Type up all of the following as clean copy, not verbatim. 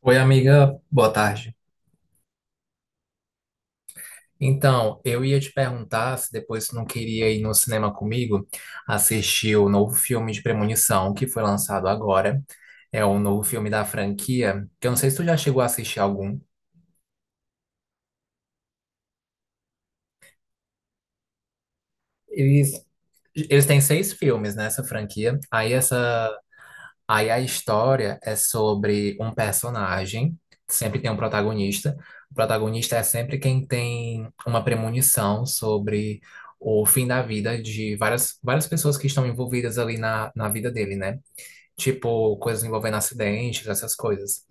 Oi, amiga, boa tarde. Então, eu ia te perguntar se depois tu não queria ir no cinema comigo assistir o novo filme de Premonição que foi lançado agora. É o novo filme da franquia, que eu não sei se tu já chegou a assistir algum. Eles, eles têm seis filmes nessa franquia. Aí a história é sobre um personagem, sempre tem um protagonista. O protagonista é sempre quem tem uma premonição sobre o fim da vida de várias, várias pessoas que estão envolvidas ali na vida dele, né? Tipo, coisas envolvendo acidentes, essas coisas.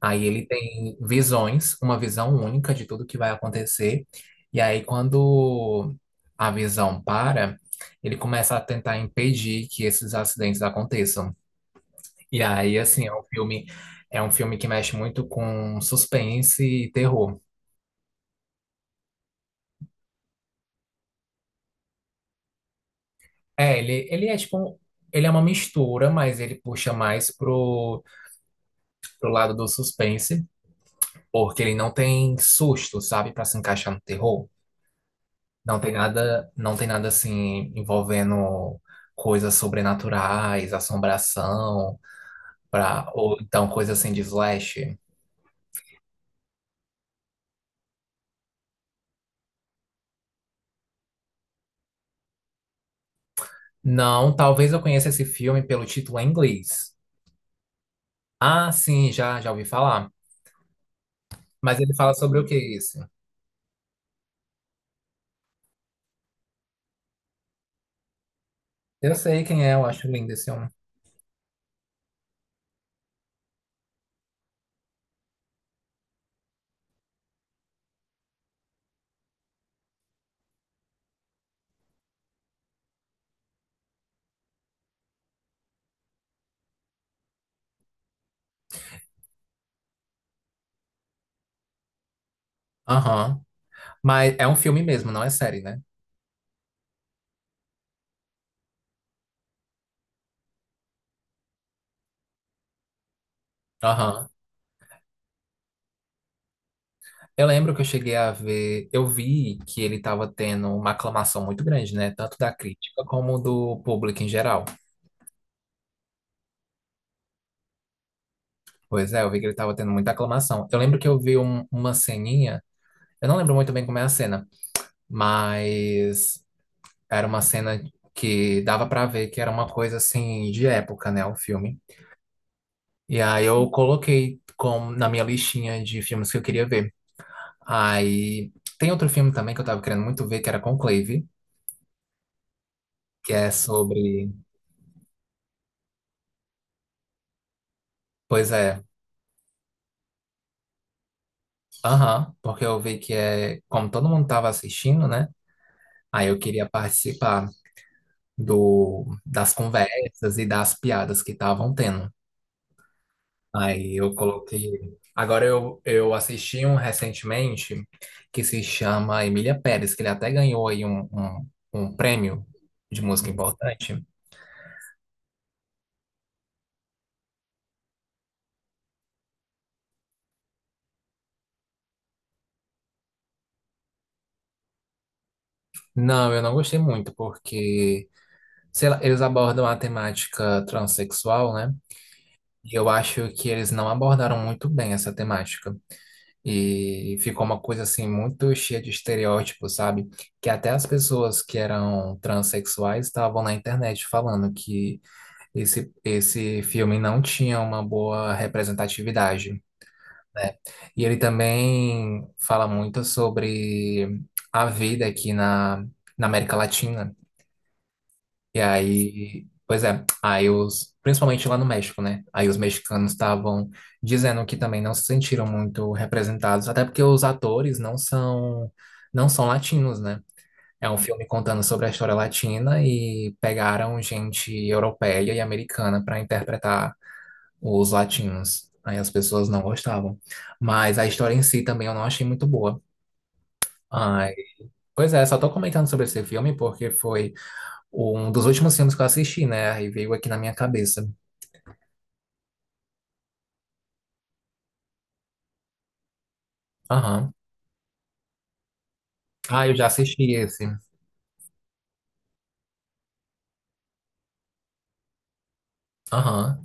Aí ele tem visões, uma visão única de tudo que vai acontecer. E aí, quando a visão para, ele começa a tentar impedir que esses acidentes aconteçam. E aí, assim, é um filme que mexe muito com suspense e terror. É, ele é tipo, ele é uma mistura, mas ele puxa mais pro lado do suspense, porque ele não tem susto, sabe, pra se encaixar no terror. Não tem nada, não tem nada assim envolvendo coisas sobrenaturais, assombração, pra, ou então coisa assim de slash. Não, talvez eu conheça esse filme pelo título em inglês. Ah, sim, já ouvi falar. Mas ele fala sobre o que isso? Eu sei quem é, eu acho lindo esse homem. Aham. Mas é um filme mesmo, não é série, né? Aham. Eu lembro que eu cheguei a ver, eu vi que ele estava tendo uma aclamação muito grande, né? Tanto da crítica como do público em geral. Pois é, eu vi que ele estava tendo muita aclamação. Eu lembro que eu vi uma ceninha, eu não lembro muito bem como é a cena, mas era uma cena que dava pra ver que era uma coisa assim de época, né? O filme. E aí eu coloquei como na minha listinha de filmes que eu queria ver. Aí tem outro filme também que eu tava querendo muito ver, que era Conclave, que é sobre. Pois é, aham, porque eu vi que é. Como todo mundo tava assistindo, né? Aí eu queria participar do, das conversas e das piadas que estavam tendo. Aí eu coloquei. Agora eu assisti um recentemente que se chama Emília Pérez, que ele até ganhou aí um prêmio de música importante. Não, eu não gostei muito, porque, sei lá, eles abordam a temática transexual, né? E eu acho que eles não abordaram muito bem essa temática. E ficou uma coisa assim muito cheia de estereótipos, sabe? Que até as pessoas que eram transexuais estavam na internet falando que esse filme não tinha uma boa representatividade. E ele também fala muito sobre a vida aqui na América Latina. E aí, pois é, aí os, principalmente lá no México, né? Aí os mexicanos estavam dizendo que também não se sentiram muito representados, até porque os atores não são, não são latinos, né? É um filme contando sobre a história latina e pegaram gente europeia e americana para interpretar os latinos. Aí as pessoas não gostavam. Mas a história em si também eu não achei muito boa. Ai, pois é, só tô comentando sobre esse filme porque foi um dos últimos filmes que eu assisti, né? Aí veio aqui na minha cabeça. Aham. Ah, eu já assisti esse. Aham.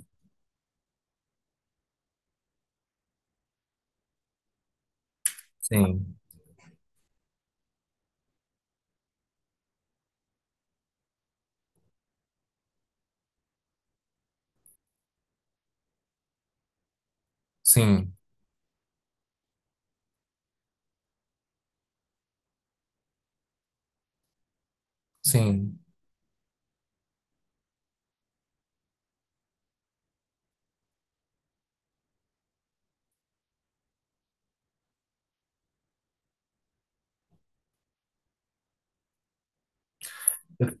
Sim. Sim. Sim. Eu,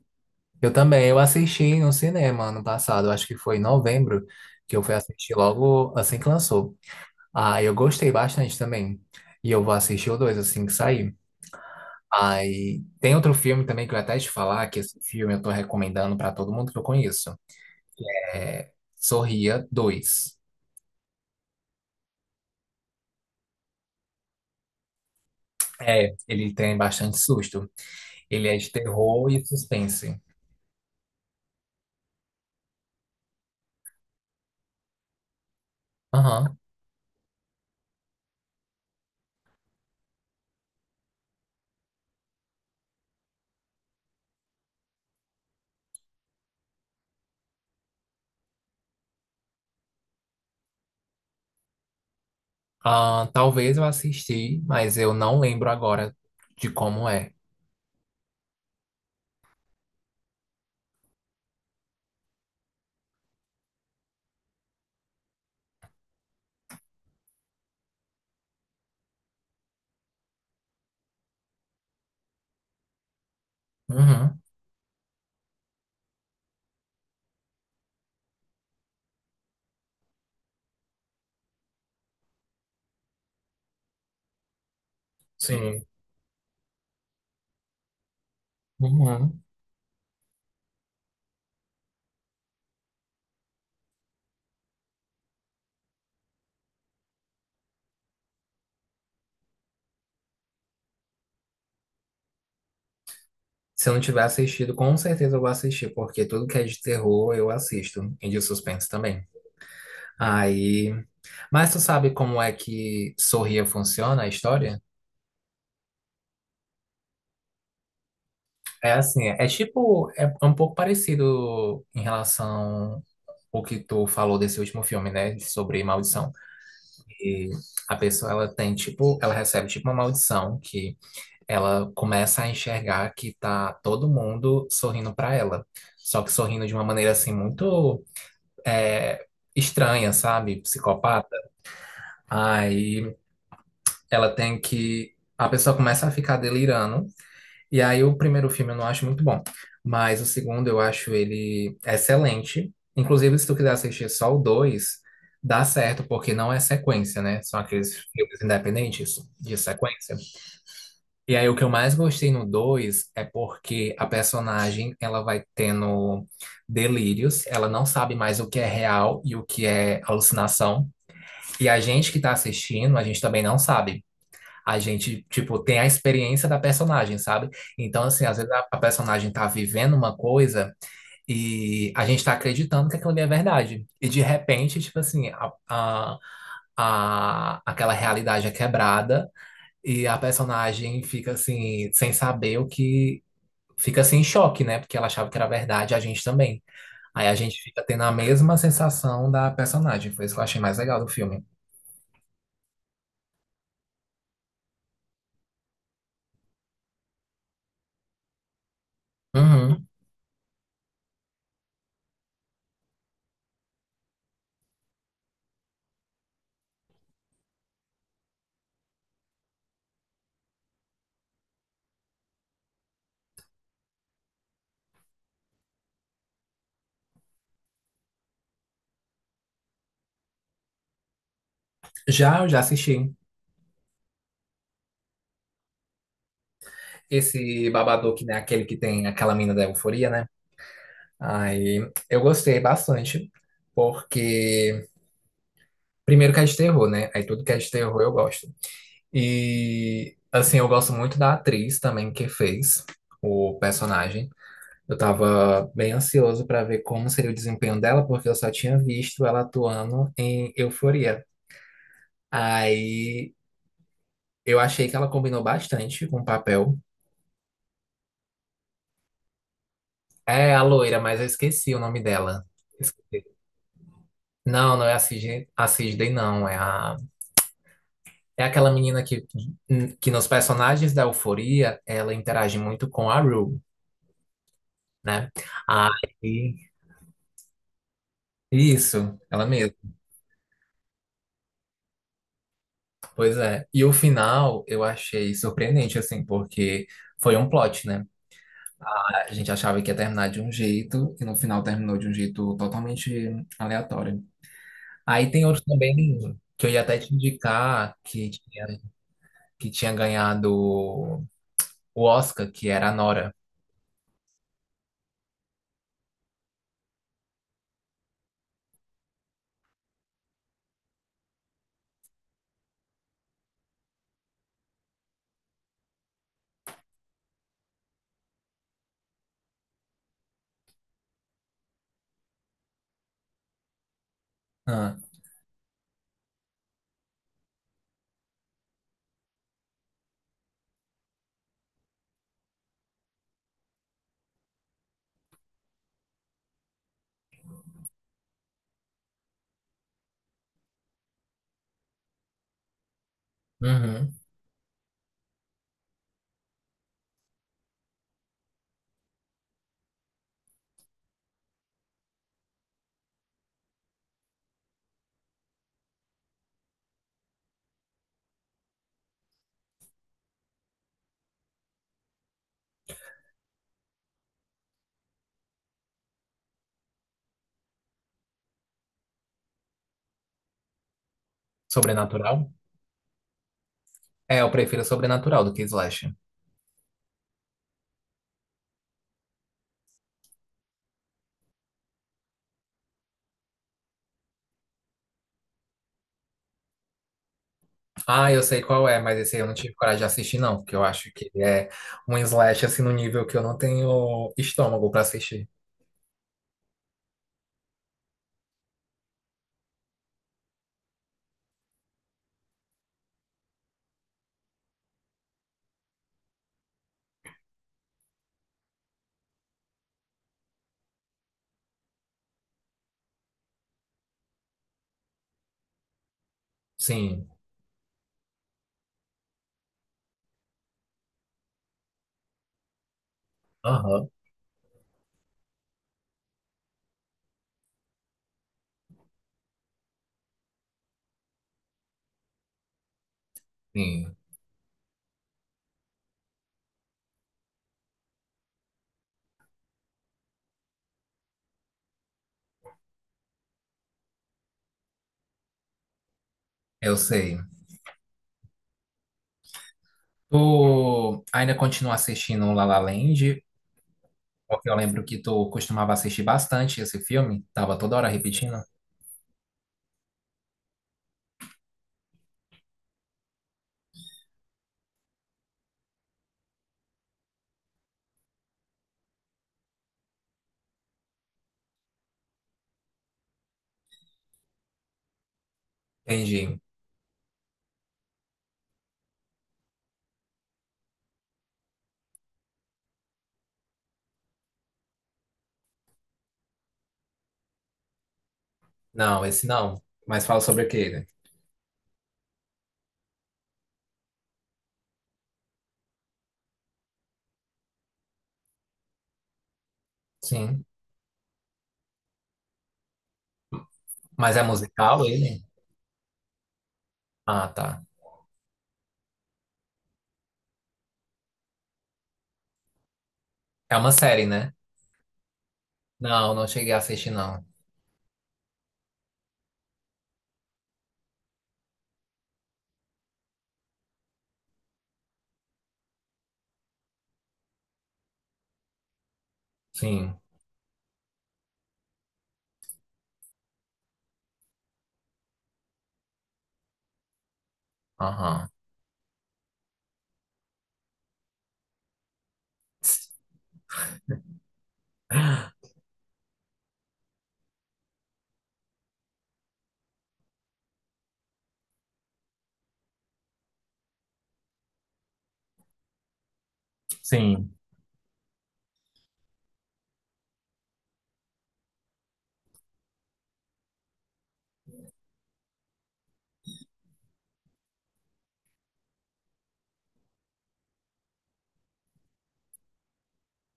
eu também. Eu assisti no cinema ano passado. Acho que foi em novembro que eu fui assistir logo assim que lançou. Ah, eu gostei bastante também. E eu vou assistir o dois assim que sair. Aí tem outro filme também que eu ia até te falar, que esse filme eu tô recomendando pra todo mundo que eu conheço. É Sorria dois. É, ele tem bastante susto. Ele é de terror e suspense. Aham. Ah, talvez eu assisti, mas eu não lembro agora de como é. Uhum. Sim. Uhum. Se eu não tiver assistido, com certeza eu vou assistir, porque tudo que é de terror eu assisto, e de suspense também. Aí. Mas tu sabe como é que Sorria funciona a história? É assim, é tipo, é um pouco parecido em relação ao que tu falou desse último filme, né? Sobre maldição. E a pessoa, ela tem, tipo, ela recebe, tipo, uma maldição que ela começa a enxergar que tá todo mundo sorrindo pra ela. Só que sorrindo de uma maneira, assim, muito é, estranha, sabe? Psicopata. Aí ela tem que... A pessoa começa a ficar delirando e aí o primeiro filme eu não acho muito bom, mas o segundo eu acho ele excelente. Inclusive, se tu quiser assistir só o dois, dá certo, porque não é sequência, né? São aqueles filmes independentes de sequência. E aí o que eu mais gostei no dois é porque a personagem, ela vai tendo delírios, ela não sabe mais o que é real e o que é alucinação. E a gente que tá assistindo, a gente também não sabe a gente, tipo, tem a experiência da personagem, sabe? Então, assim, às vezes a personagem tá vivendo uma coisa e a gente tá acreditando que aquilo ali é verdade. E de repente, tipo assim, aquela realidade é quebrada e a personagem fica assim, sem saber o que. Fica assim em choque, né? Porque ela achava que era verdade, a gente também. Aí a gente fica tendo a mesma sensação da personagem. Foi isso que eu achei mais legal do filme. Uhum. Já, eu já assisti. Esse Babadook, né? Aquele que tem aquela mina da euforia, né? Aí eu gostei bastante, porque primeiro que é de terror, né? Aí tudo que é de terror eu gosto. E assim, eu gosto muito da atriz também que fez o personagem. Eu tava bem ansioso pra ver como seria o desempenho dela, porque eu só tinha visto ela atuando em Euforia. Aí eu achei que ela combinou bastante com o papel. É a loira, mas eu esqueci o nome dela. Não, não é a a Cisne, não. É aquela menina que, nos personagens da Euforia, ela interage muito com a Rue, né? Aí, isso, ela mesma. Pois é. E o final eu achei surpreendente, assim, porque foi um plot, né? A gente achava que ia terminar de um jeito, e no final terminou de um jeito totalmente aleatório. Aí tem outro também que eu ia até te indicar que tinha ganhado o Oscar, que era a Nora. Ah, uhum. Sobrenatural? É, eu prefiro Sobrenatural do que Slash. Ah, eu sei qual é, mas esse aí eu não tive coragem de assistir, não, porque eu acho que é um Slash assim no nível que eu não tenho estômago pra assistir. Sim. Aham. Sim, eu sei. Tu ainda continua assistindo La La Land? Porque eu lembro que tu costumava assistir bastante esse filme, tava toda hora repetindo. Entendi. Não, esse não. Mas fala sobre o que ele? Sim. Mas é musical ele? Ah, tá. É uma série, né? Não, não cheguei a assistir, não. Sim. Aham. Sim.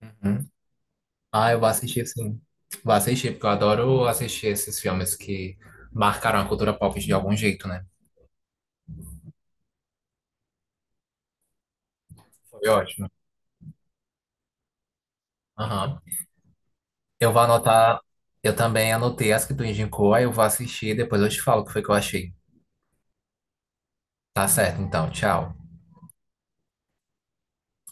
Uhum. Ah, eu vou assistir, sim. Vou assistir, porque eu adoro assistir esses filmes que marcaram a cultura pop de algum jeito, né? Foi ótimo. Aham. Eu vou anotar. Eu também anotei as que tu indicou, aí eu vou assistir e depois eu te falo o que foi que eu achei. Tá certo, então. Tchau.